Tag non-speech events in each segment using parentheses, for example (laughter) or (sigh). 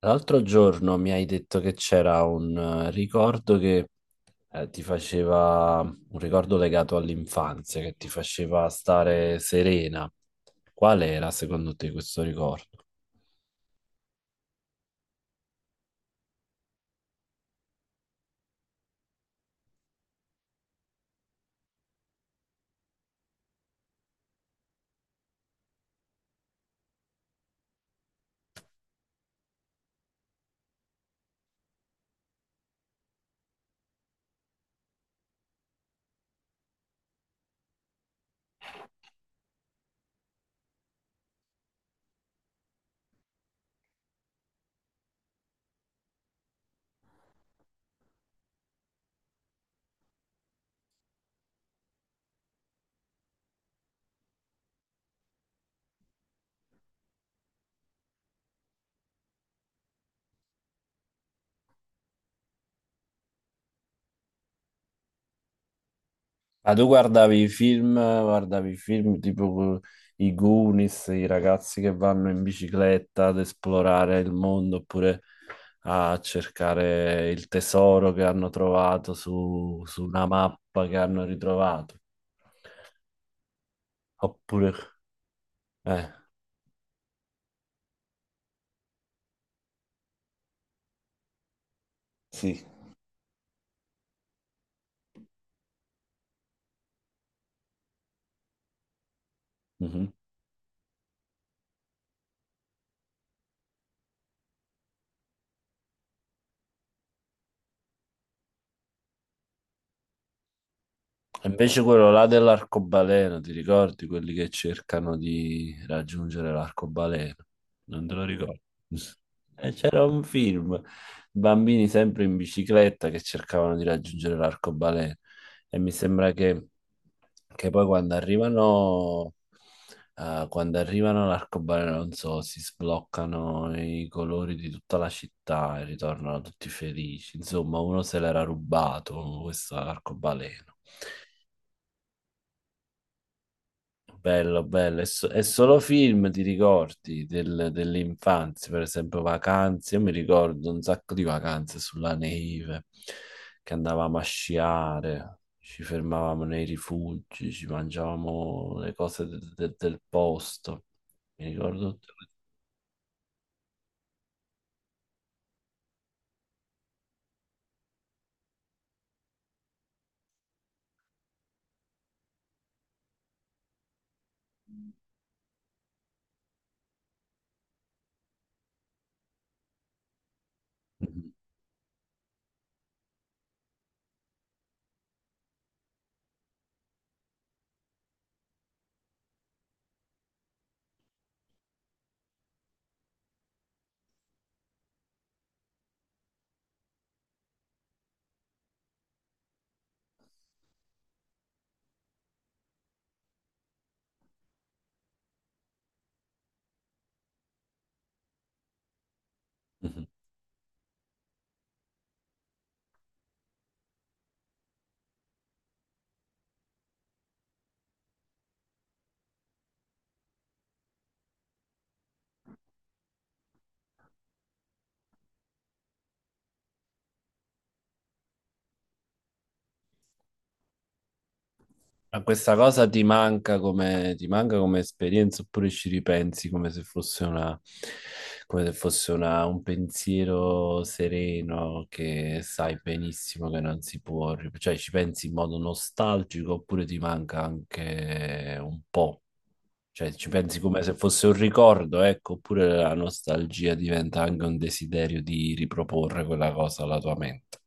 L'altro giorno mi hai detto che c'era un ricordo che ti faceva, un ricordo legato all'infanzia, che ti faceva stare serena. Qual era secondo te questo ricordo? Ah, tu guardavi i film tipo i Goonies, i ragazzi che vanno in bicicletta ad esplorare il mondo oppure a cercare il tesoro che hanno trovato su, su una mappa che hanno ritrovato. Oppure, eh. Sì. Mhm. E invece quello là dell'arcobaleno, ti ricordi quelli che cercano di raggiungere l'arcobaleno? Non te lo ricordo. E c'era un film, bambini sempre in bicicletta che cercavano di raggiungere l'arcobaleno e mi sembra che poi quando arrivano all'arcobaleno, non so, si sbloccano i colori di tutta la città e ritornano tutti felici. Insomma, uno se l'era rubato, questo arcobaleno. Bello, bello, è, so- è solo film, ti ricordi del- dell'infanzia, per esempio vacanze, io mi ricordo un sacco di vacanze sulla neve, che andavamo a sciare, ci fermavamo nei rifugi, ci mangiavamo le cose de- de- del posto, mi ricordo tutte queste- (laughs) Mhm. Ma questa cosa ti manca come esperienza oppure ci ripensi come se fosse una, come se fosse una- un pensiero sereno che sai benissimo che non si può, ri- cioè ci pensi in modo nostalgico oppure ti manca anche un po', cioè ci pensi come se fosse un ricordo, ecco, oppure la nostalgia diventa anche un desiderio di riproporre quella cosa alla tua mente.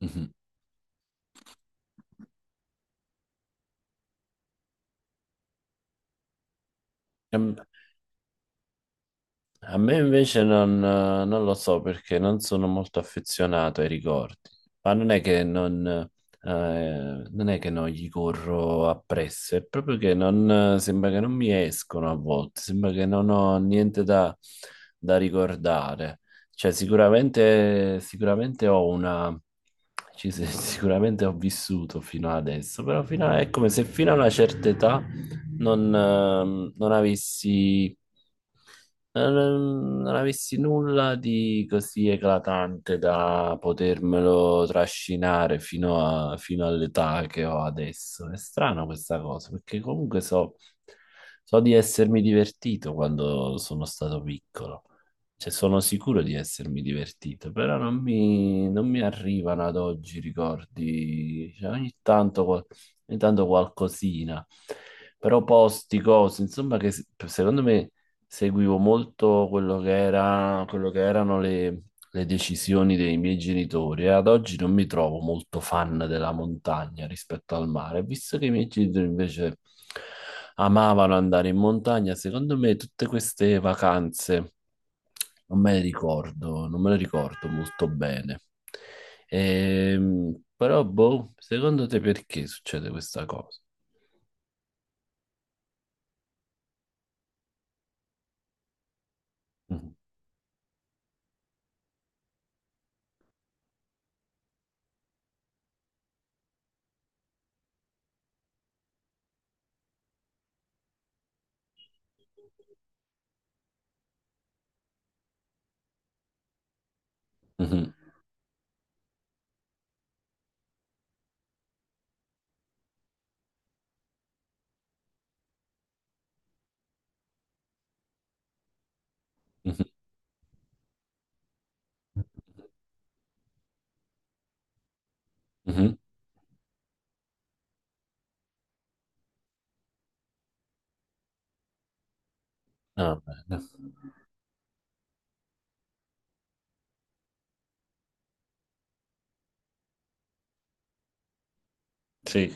Mhm. A me invece non, non lo so perché non sono molto affezionato ai ricordi, ma non è che non, non è che non gli corro appresso, è proprio che non, sembra che non mi escono a volte, sembra che non ho niente da, da ricordare. Cioè sicuramente, sicuramente ho una, ci se- (laughs) sicuramente ho vissuto fino ad adesso, però fino a- è come se fino a una certa età non, non avessi non avessi nulla di così eclatante da potermelo trascinare fino a- fino all'età che ho adesso. È strano questa cosa, perché comunque so, so di essermi divertito quando sono stato piccolo. Cioè, sono sicuro di essermi divertito, però non mi, non mi arrivano ad oggi ricordi. Cioè, ogni tanto, qual- ogni tanto qualcosina, però posti, cose, insomma, che se- secondo me seguivo molto quello che era- quello che erano le decisioni dei miei genitori e ad oggi non mi trovo molto fan della montagna rispetto al mare. Visto che i miei genitori invece amavano andare in montagna, secondo me tutte queste vacanze non me le ricordo, non me le ricordo molto bene. Però, boh, secondo te perché succede questa cosa? (laughs) Mhm, mhm, mhm, mhm. Ah, bene. Sì.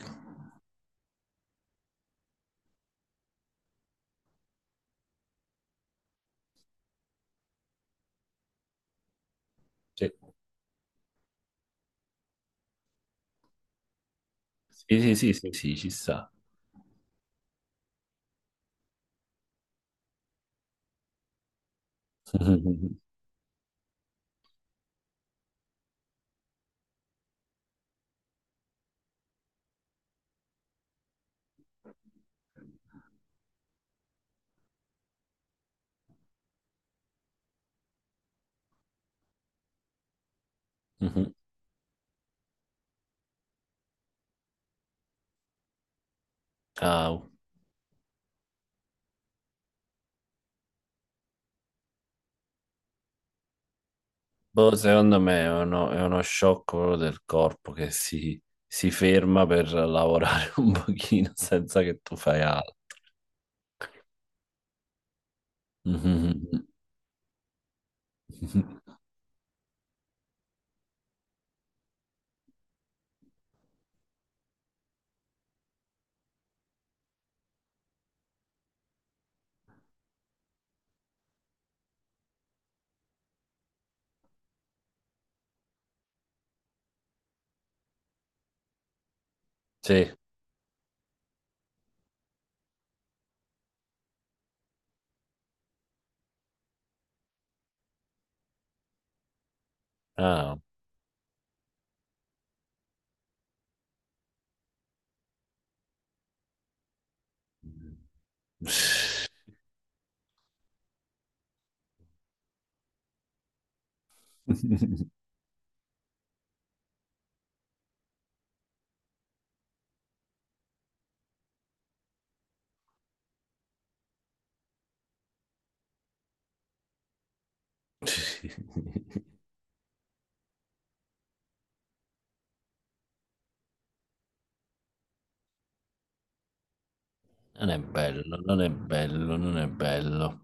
Sì, sì, sì, sì, sì, sì, ci sta. (laughs) Mhm. Ah, boh, secondo me è uno shock proprio del corpo che si ferma per lavorare (laughs) un pochino senza che tu fai altro. (laughs) Mhm. Sì, ah. (laughs) Non è bello, non è bello, non è bello.